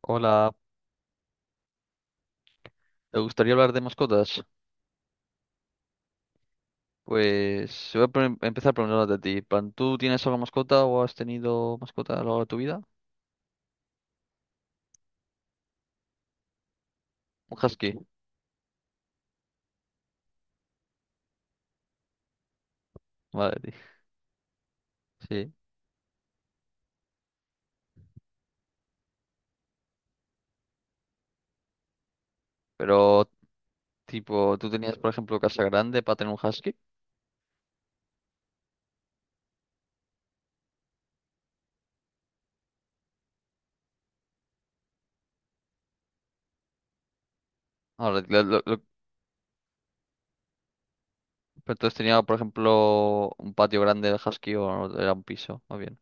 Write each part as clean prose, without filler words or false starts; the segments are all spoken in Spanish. Hola, ¿te gustaría hablar de mascotas? Pues voy a empezar preguntándote a ti. Pan, ¿tú tienes alguna mascota o has tenido mascota a lo largo de tu vida? Un husky. Vale, sí. Pero, tipo, ¿tú tenías, por ejemplo, casa grande para tener un husky? Ahora, pero tú has, por ejemplo, un patio grande del husky o era un piso, más bien.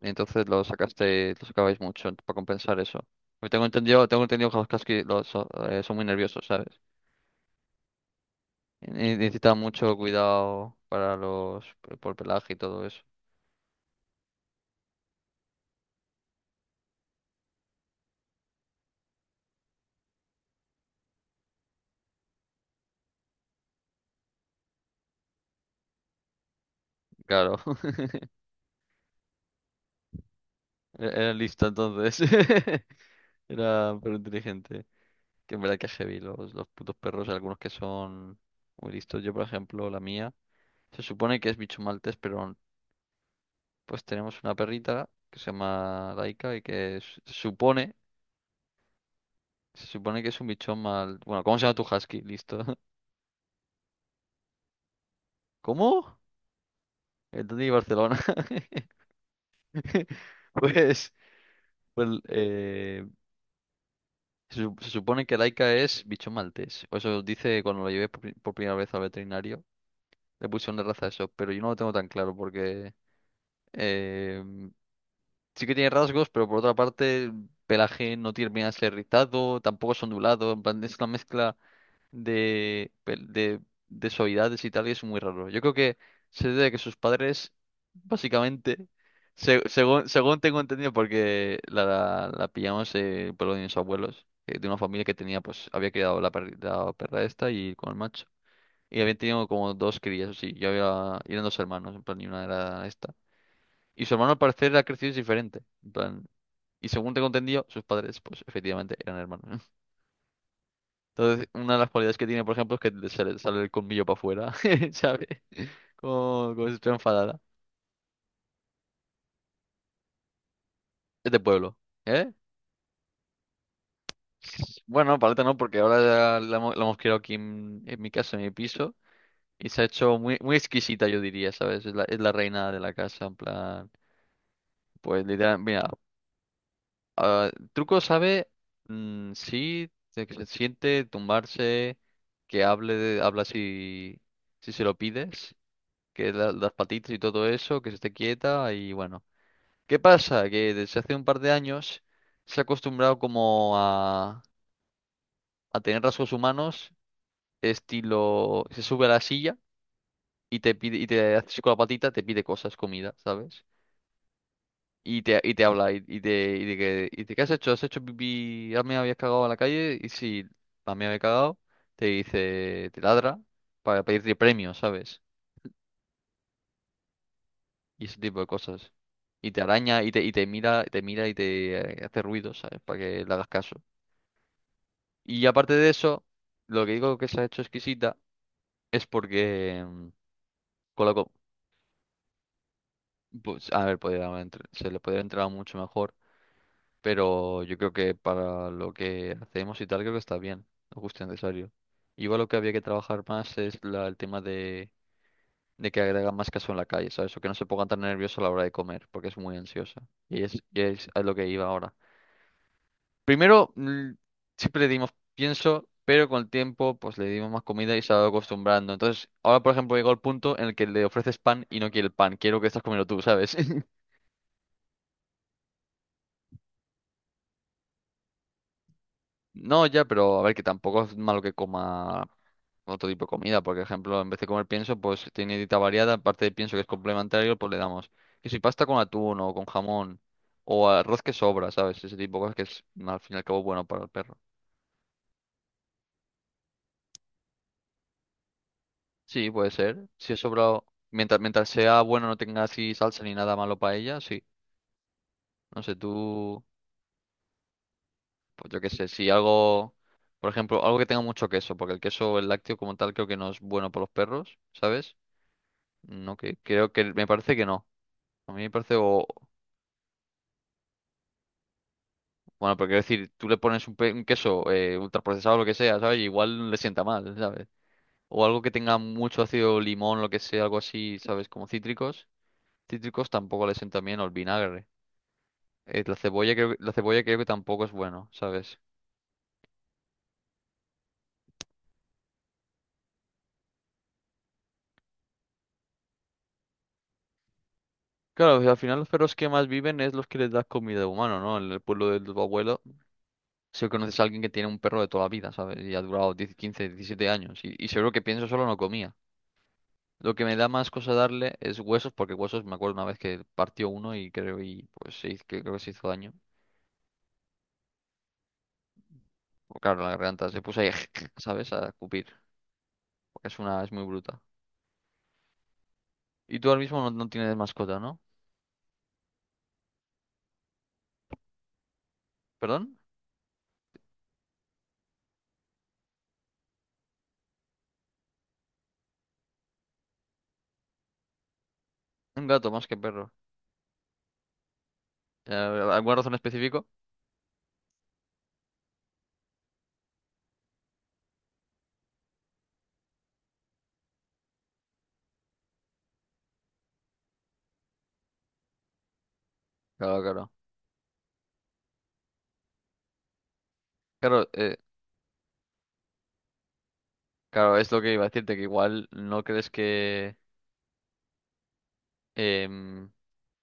Entonces lo sacaste, lo sacabais mucho para compensar eso. Porque tengo entendido, tengo entendido que los husky los, son muy nerviosos, ¿sabes? Necesitaba mucho cuidado para los, por pelaje y todo eso. Claro, era lista entonces. Era pero inteligente. Que en verdad que es heavy los putos perros, algunos que son muy listos. Yo, por ejemplo, la mía, se supone que es bicho maltés, pero pues tenemos una perrita que se llama Laika y que se supone que es un bichón mal. Bueno, ¿cómo se llama tu husky? Listo. ¿Cómo? El Tony de Barcelona. Pues, pues se, se supone que Laika es bichón maltés. O eso dice cuando lo llevé por, por primera vez al veterinario. Le pusieron de raza eso, pero yo no lo tengo tan claro porque eh, sí que tiene rasgos, pero por otra parte el pelaje no termina de ser rizado, tampoco es ondulado. En plan, es una mezcla de, de suavidades y tal, y es muy raro. Yo creo que se debe a que sus padres, básicamente, según, según tengo entendido, porque la pillamos por lo de mis abuelos, de una familia que tenía, pues, había criado la, la perra esta y con el macho. Y habían tenido como dos crías, o sí, yo había, y eran dos hermanos, en plan, y una era esta. Y su hermano al parecer ha crecido diferente, en plan, y según tengo entendido, sus padres, pues, efectivamente, eran hermanos. Entonces, una de las cualidades que tiene, por ejemplo, es que le sale, sale el colmillo para afuera, ¿sabes? Como, como si estuviera enfadada. Es de pueblo, ¿eh? Bueno, paleta no, porque ahora la, la hemos criado aquí en mi casa, en mi piso, y se ha hecho muy, muy exquisita, yo diría, ¿sabes? Es la reina de la casa, en plan, pues literal, mira, ah, truco sabe, sí, de que se siente, tumbarse, que hable, habla si, si se lo pides, que las patitas y todo eso, que se esté quieta, y bueno. ¿Qué pasa? Que desde hace un par de años se ha acostumbrado como a tener rasgos humanos, estilo, se sube a la silla y te pide, y te hace así con la patita, te pide cosas, comida, ¿sabes? Y te habla, y te, y de que, y de, ¿qué has hecho? ¿Has hecho pipí? ¿Ah, me habías cagado en la calle? Y si me había cagado, te dice, te ladra para pedirte premios, ¿sabes? Y ese tipo de cosas. Y te araña, y te mira y te hace ruidos, ¿sabes? Para que le hagas caso. Y aparte de eso, lo que digo que se ha hecho exquisita es porque con pues, a ver, podría haber se le podría entrar mucho mejor, pero yo creo que para lo que hacemos y tal, creo que está bien, lo justo y necesario. Igual lo que había que trabajar más es el tema de que agregan más caso en la calle, ¿sabes? O que no se pongan tan nerviosos a la hora de comer, porque es muy ansiosa. Y es a lo que iba ahora. Primero, siempre le dimos pienso, pero con el tiempo, pues le dimos más comida y se ha ido acostumbrando. Entonces, ahora, por ejemplo, llegó el punto en el que le ofreces pan y no quiere el pan. Quiero que estás comiendo tú, ¿sabes? No, ya, pero a ver, que tampoco es malo que coma otro tipo de comida. Por ejemplo, en vez de comer pienso, pues tiene dieta variada. Aparte de pienso que es complementario, pues le damos. Que si pasta con atún o con jamón o arroz que sobra, ¿sabes? Ese tipo de cosas que es, al fin y al cabo, bueno para el perro. Sí, puede ser. Si es sobrado, mientras, mientras sea bueno, no tenga así salsa ni nada malo para ella, sí. No sé, tú, pues yo qué sé, si algo, por ejemplo, algo que tenga mucho queso, porque el queso, el lácteo como tal, creo que no es bueno para los perros, ¿sabes? No, que creo que me parece que no. A mí me parece, o, bueno, pero quiero decir, tú le pones un, un queso ultraprocesado, o lo que sea, ¿sabes? Y igual le sienta mal, ¿sabes? O algo que tenga mucho ácido limón, lo que sea, algo así, ¿sabes? Como cítricos. Cítricos tampoco le sienta bien, o el vinagre. La cebolla creo, la cebolla creo que tampoco es bueno, ¿sabes? Claro, pues, al final los perros que más viven es los que les das comida de humano, ¿no? En el pueblo de tu abuelo, si conoces a alguien que tiene un perro de toda la vida, ¿sabes? Y ha durado 10, 15, 17 años. Y seguro que pienso solo no comía. Lo que me da más cosa darle es huesos, porque huesos me acuerdo una vez que partió uno y creo y pues que creo que se hizo daño. O claro, la garganta se puso ahí, ¿sabes? A cupir, porque es una, es muy bruta. Y tú ahora mismo no, no tienes mascota, ¿no? ¿Perdón? Un gato más que perro. ¿Alguna razón específica? Claro, claro. Claro, claro, es lo que iba a decirte, que igual no crees que... em,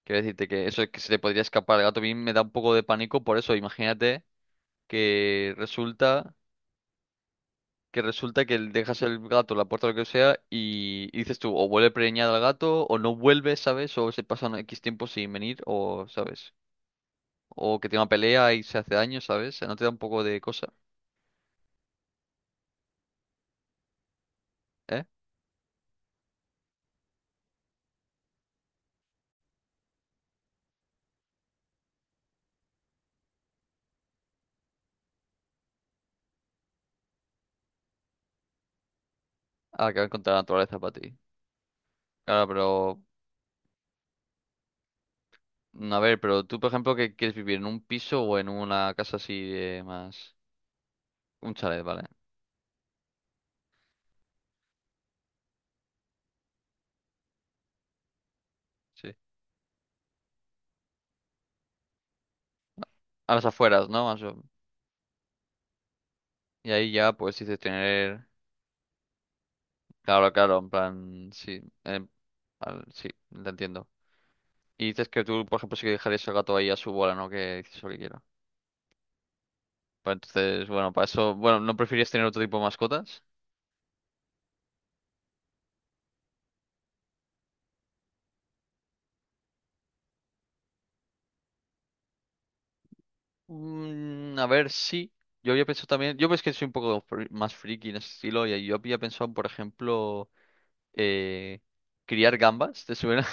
quiero decirte que eso es que se le podría escapar al gato. A mí me da un poco de pánico por eso. Imagínate que resulta que resulta que le dejas el gato, la puerta, lo que sea, y dices tú, o vuelve preñado al gato, o no vuelve, ¿sabes? O se pasan X tiempo sin venir, o, ¿sabes? O que tiene una pelea y se hace daño, ¿sabes? ¿No te da un poco de cosa, eh? Ah, que va contra la naturaleza para ti. Claro, a ver, pero tú, por ejemplo, ¿qué quieres vivir? ¿En un piso o en una casa así de más... Un chalet, vale. Sí. A las afueras, ¿no? Más y ahí ya, pues, dices tener... Claro, claro, en plan... Sí, sí, te entiendo. Y dices que tú, por ejemplo, sí que dejarías el gato ahí a su bola, ¿no? Que dices lo que quiera. Pues entonces, bueno, para eso... Bueno, ¿no preferirías tener otro tipo de mascotas? Mm, a ver, sí. Yo había pensado también... Yo pues que soy un poco más friki en ese estilo y yo había pensado, por ejemplo... eh, criar gambas, ¿te suena?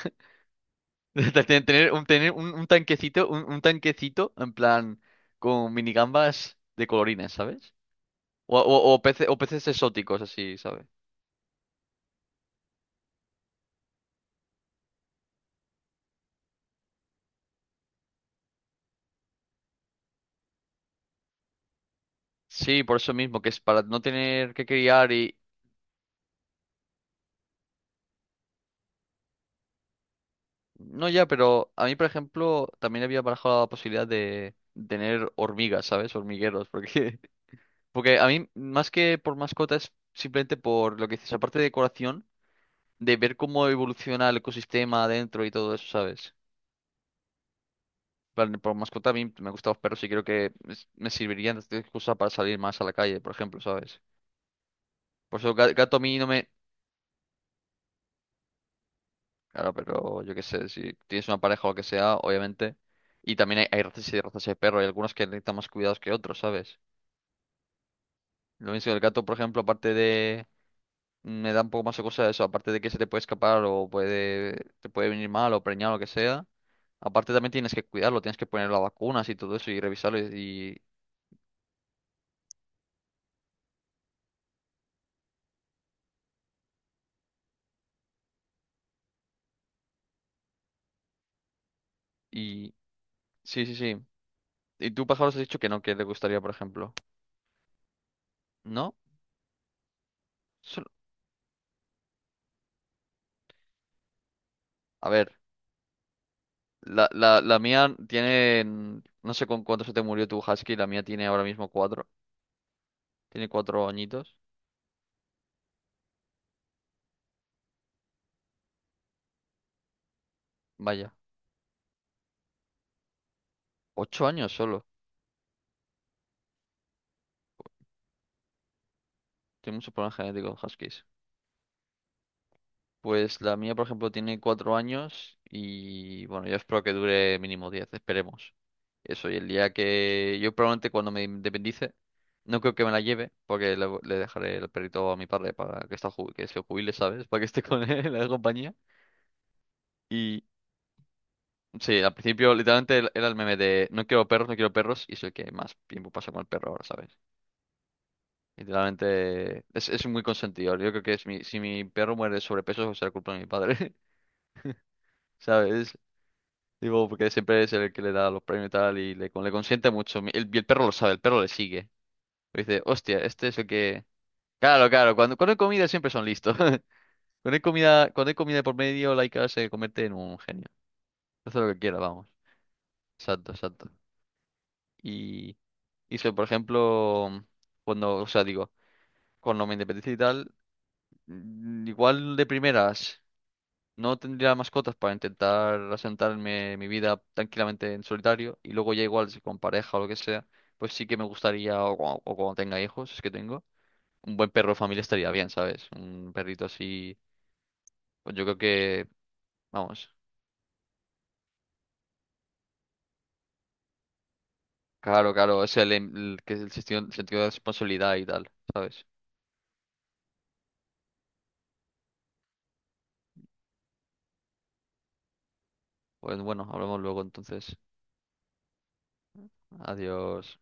De tener un tanquecito, un tanquecito en plan con minigambas de colorines, ¿sabes? O, o peces exóticos, así, ¿sabes? Sí, por eso mismo, que es para no tener que criar y... No ya, pero a mí, por ejemplo, también había barajado la posibilidad de tener hormigas, ¿sabes? Hormigueros, porque... Porque a mí, más que por mascotas, simplemente por lo que dices, aparte de decoración, de ver cómo evoluciona el ecosistema adentro y todo eso, ¿sabes? Plan, por mascota a mí me gustan los perros y creo que me servirían de excusa para salir más a la calle, por ejemplo, ¿sabes? Por eso gato a mí no me... Claro, pero yo qué sé, si tienes una pareja o lo que sea, obviamente. Y también hay razas y razas de perro, hay algunos que necesitan más cuidados que otros, ¿sabes? Lo mismo que el gato, por ejemplo, aparte de... Me da un poco más de cosa eso, aparte de que se te puede escapar o puede... te puede venir mal o preñar o lo que sea. Aparte también tienes que cuidarlo, tienes que poner las vacunas y todo eso y revisarlo y... y- sí, sí, sí. Y tú, pájaros, has dicho que no, que te gustaría, por ejemplo. ¿No? Sol- a ver, la mía tiene. No sé con cuánto se te murió tu husky, la mía tiene ahora mismo cuatro. Tiene 4 añitos. Vaya, 8 años solo. Tiene muchos problemas genéticos los huskies. Pues la mía, por ejemplo, tiene 4 años y bueno, yo espero que dure mínimo 10, esperemos. Eso, y el día que yo probablemente cuando me independice, no creo que me la lleve, porque le dejaré el perrito a mi padre para que, está, que se jubile, ¿sabes? Para que esté con él en la compañía. Y sí, al principio literalmente era el meme de no quiero perros, no quiero perros, y soy el que más tiempo pasa con el perro ahora, ¿sabes? Literalmente es muy consentido. Yo creo que es mi, si mi perro muere de sobrepeso, será culpa de mi padre, ¿sabes? Digo, porque siempre es el que le da los premios y tal, y le, le consiente mucho. El, y el perro lo sabe, el perro le sigue. Y dice, hostia, este es el que... Claro, claro, cuando, cuando hay comida siempre son listos. Cuando hay comida por medio, Laika se convierte en un genio. Hace lo que quiera, vamos. Exacto, exacto. Y hice, por ejemplo, cuando, o sea, digo, cuando me independicé y tal, igual de primeras no tendría mascotas para intentar asentarme mi vida tranquilamente en solitario y luego ya igual si con pareja o lo que sea, pues sí que me gustaría, o, o cuando tenga hijos, es que tengo, un buen perro de familia estaría bien, ¿sabes? Un perrito así, pues yo creo que, vamos, claro, claro, es el, el que el sentido, sentido de responsabilidad y tal, ¿sabes? Pues bueno, hablamos luego entonces. Adiós.